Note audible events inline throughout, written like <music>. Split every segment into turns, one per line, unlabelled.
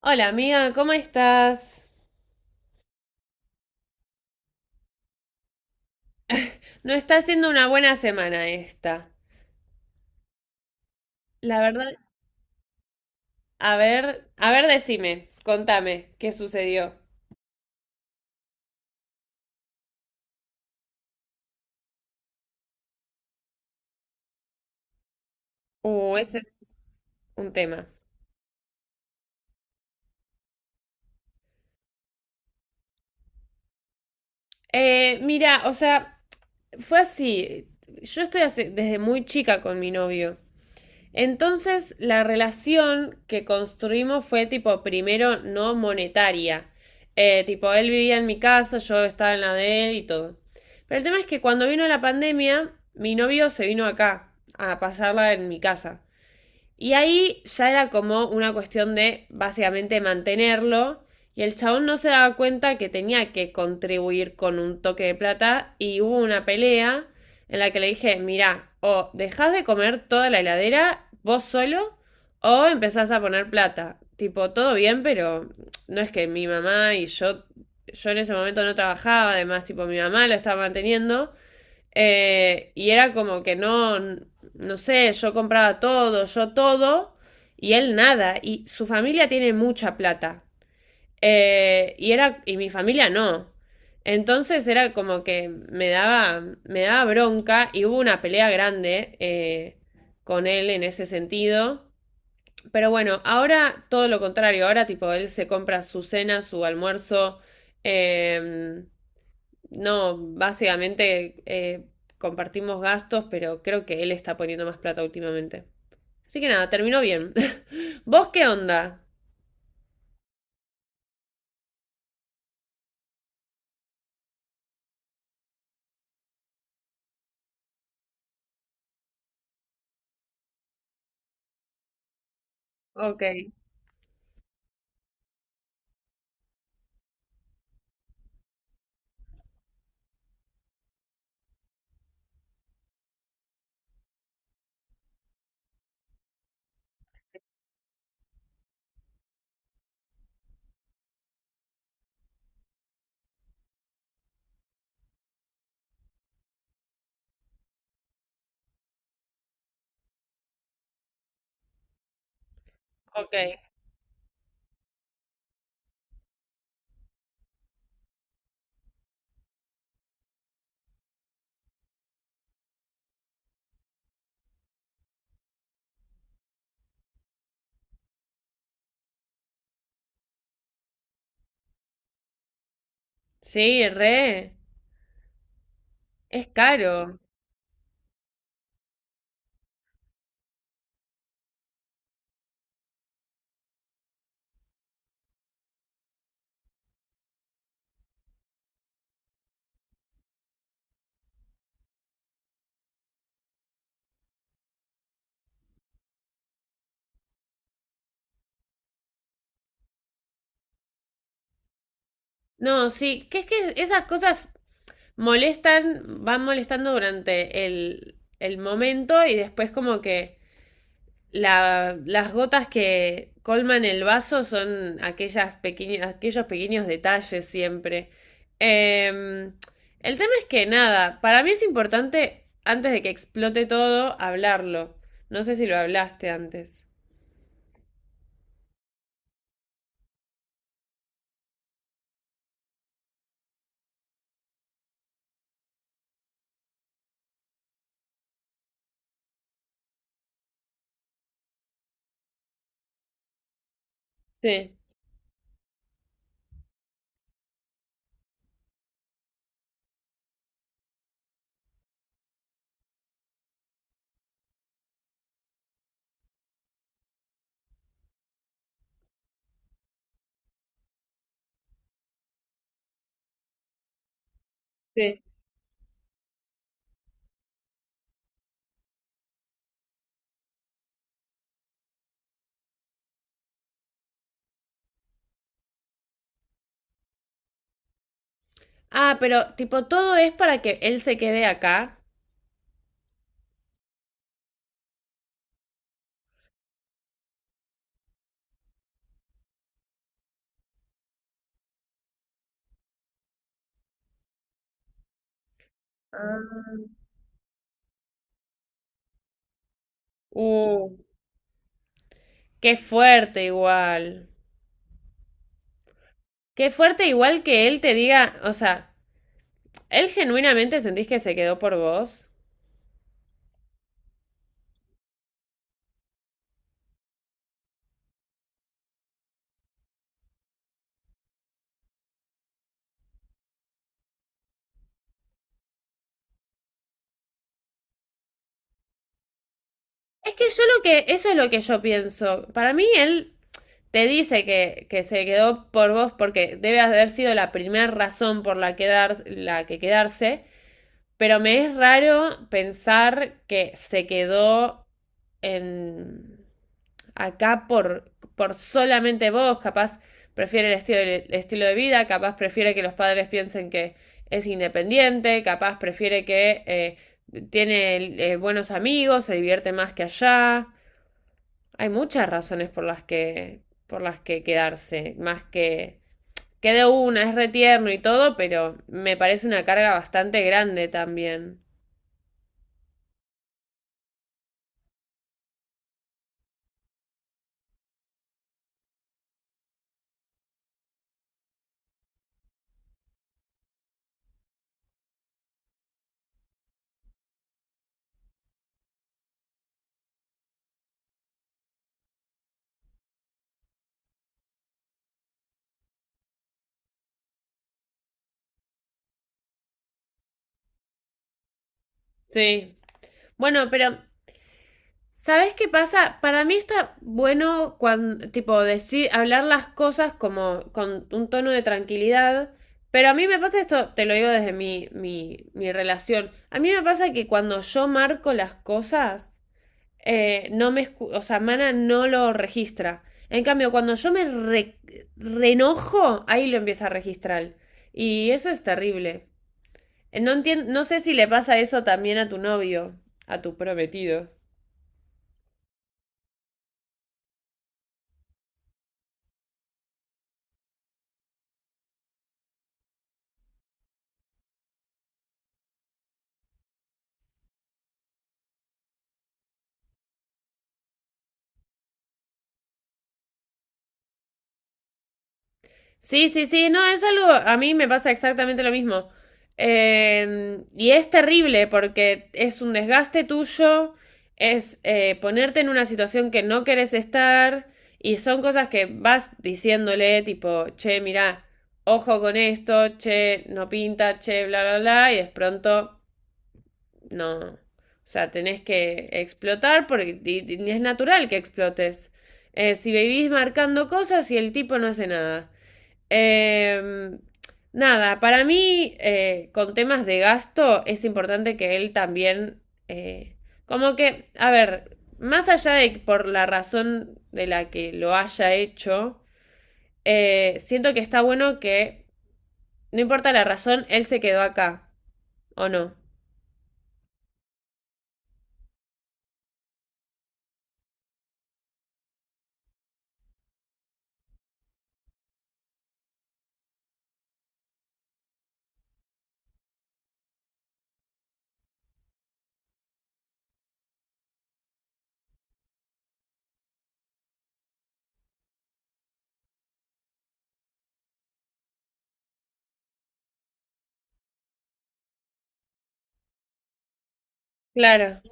Hola amiga, ¿cómo estás? No está siendo una buena semana esta. La verdad, a ver, decime, contame, ¿qué sucedió? Ese es un tema. Mira, o sea, fue así. Yo desde muy chica con mi novio. Entonces, la relación que construimos fue tipo, primero, no monetaria. Tipo, él vivía en mi casa, yo estaba en la de él y todo. Pero el tema es que cuando vino la pandemia, mi novio se vino acá a pasarla en mi casa. Y ahí ya era como una cuestión de básicamente mantenerlo. Y el chabón no se daba cuenta que tenía que contribuir con un toque de plata. Y hubo una pelea en la que le dije, mirá, o dejás de comer toda la heladera vos solo o empezás a poner plata. Tipo, todo bien, pero no es que mi mamá y yo en ese momento no trabajaba, además, tipo, mi mamá lo estaba manteniendo. Y era como que no, no sé, yo compraba todo, yo todo, y él nada. Y su familia tiene mucha plata. Y era, y mi familia no. Entonces era como que me daba bronca y hubo una pelea grande con él en ese sentido. Pero bueno, ahora todo lo contrario, ahora tipo él se compra su cena, su almuerzo, eh, no, básicamente compartimos gastos, pero creo que él está poniendo más plata últimamente. Así que nada, terminó bien. <laughs> ¿Vos qué onda? Ok, ok. Sí, re, es caro. No, sí, que es que esas cosas molestan, van molestando durante el momento y después como que la- las gotas que colman el vaso son aquellas pequeñas, aquellos pequeños detalles siempre. Em, el tema es que nada, para mí es importante, antes de que explote todo, hablarlo. No sé si lo hablaste antes. Sí, sí. Ah, pero tipo, todo es para que él se quede acá. Ah. Uh, qué fuerte igual. Qué fuerte igual que él te diga, o sea, ¿él genuinamente sentís que se quedó por vos? Es que yo lo que, eso es lo que yo pienso. Para mí él te dice que se quedó por vos porque debe haber sido la primera razón por la, quedar, la que quedarse, pero me es raro pensar que se quedó en acá por solamente vos, capaz prefiere el estilo de vida, capaz prefiere que los padres piensen que es independiente, capaz prefiere que tiene buenos amigos, se divierte más que allá. Hay muchas razones por las que quedarse, más que una, es retierno y todo, pero me parece una carga bastante grande también. Sí. Bueno, pero ¿sabes qué pasa? Para mí está bueno cuando tipo decir hablar las cosas como con un tono de tranquilidad, pero a mí me pasa esto, te lo digo desde mi relación. A mí me pasa que cuando yo marco las cosas no me escu- o sea, Mana no lo registra. En cambio, cuando yo me re- reenojo, ahí lo empieza a registrar. Y eso es terrible. No entien- no sé si le pasa eso también a tu novio, a tu prometido. Sí, sí, sí, no, es algo, a mí me pasa exactamente lo mismo. Y es terrible porque es un desgaste tuyo, es ponerte en una situación que no querés estar y son cosas que vas diciéndole tipo, che, mirá, ojo con esto, che, no pinta, che, bla, bla, bla, y de pronto no. O sea, tenés que explotar porque y es natural que explotes. Si vivís marcando cosas y el tipo no hace nada. Eh, nada, para mí, con temas de gasto, es importante que él también, eh, como que, a ver, más allá de por la razón de la que lo haya hecho, siento que está bueno que, no importa la razón, él se quedó acá, ¿o no? Claro,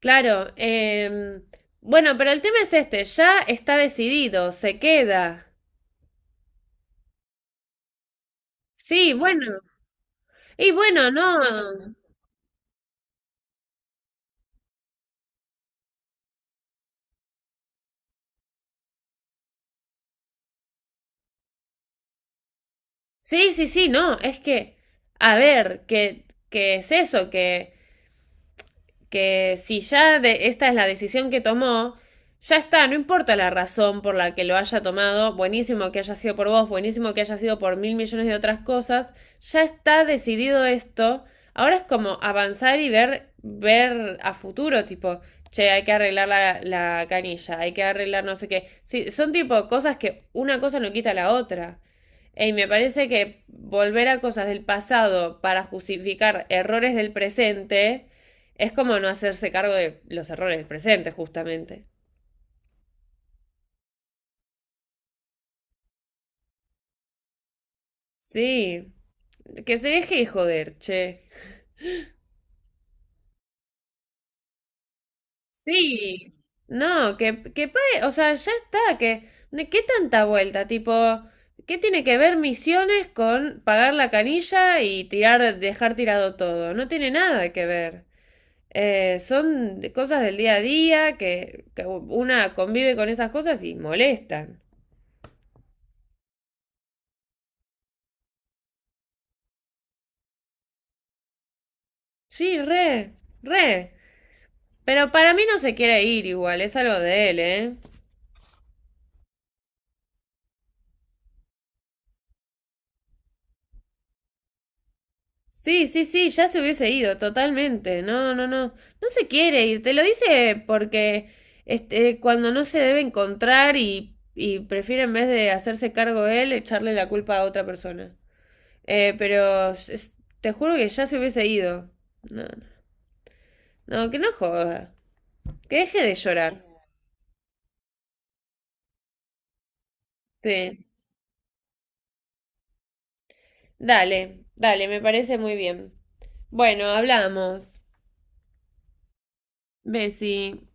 claro. Bueno, pero el tema es este, ya está decidido, se queda. Sí, bueno. Y bueno, no. Sí, sí, sí, no, es que, a ver, que es eso, que si ya de- esta es la decisión que tomó, ya está, no importa la razón por la que lo haya tomado, buenísimo que haya sido por vos, buenísimo que haya sido por mil millones de otras cosas, ya está decidido esto, ahora es como avanzar y ver, ver a futuro, tipo, che, hay que arreglar la, la canilla, hay que arreglar no sé qué, sí, son tipo cosas que una cosa no quita la otra. Y me parece que volver a cosas del pasado para justificar errores del presente es como no hacerse cargo de los errores del presente, justamente. Sí. Que se deje de joder, che. Sí, no, que pague, o sea, ya está, que, ¿de qué tanta vuelta? Tipo, ¿qué tiene que ver misiones con pagar la canilla y tirar, dejar tirado todo? No tiene nada que ver. Son de- cosas del día a día que una convive con esas cosas y molestan. Sí, re, re. Pero para mí no se quiere ir igual, es algo de él, ¿eh? Sí, sí, sí, ya se hubiese ido, totalmente. No, no, no. No se quiere ir, te lo dice porque este, cuando no se debe encontrar y prefiere en vez de hacerse cargo él, echarle la culpa a otra persona. Pero es- te juro que ya se hubiese ido. No, no, no, que no joda. Que deje de llorar. Sí. Dale, dale, me parece muy bien. Bueno, hablamos. Bessie.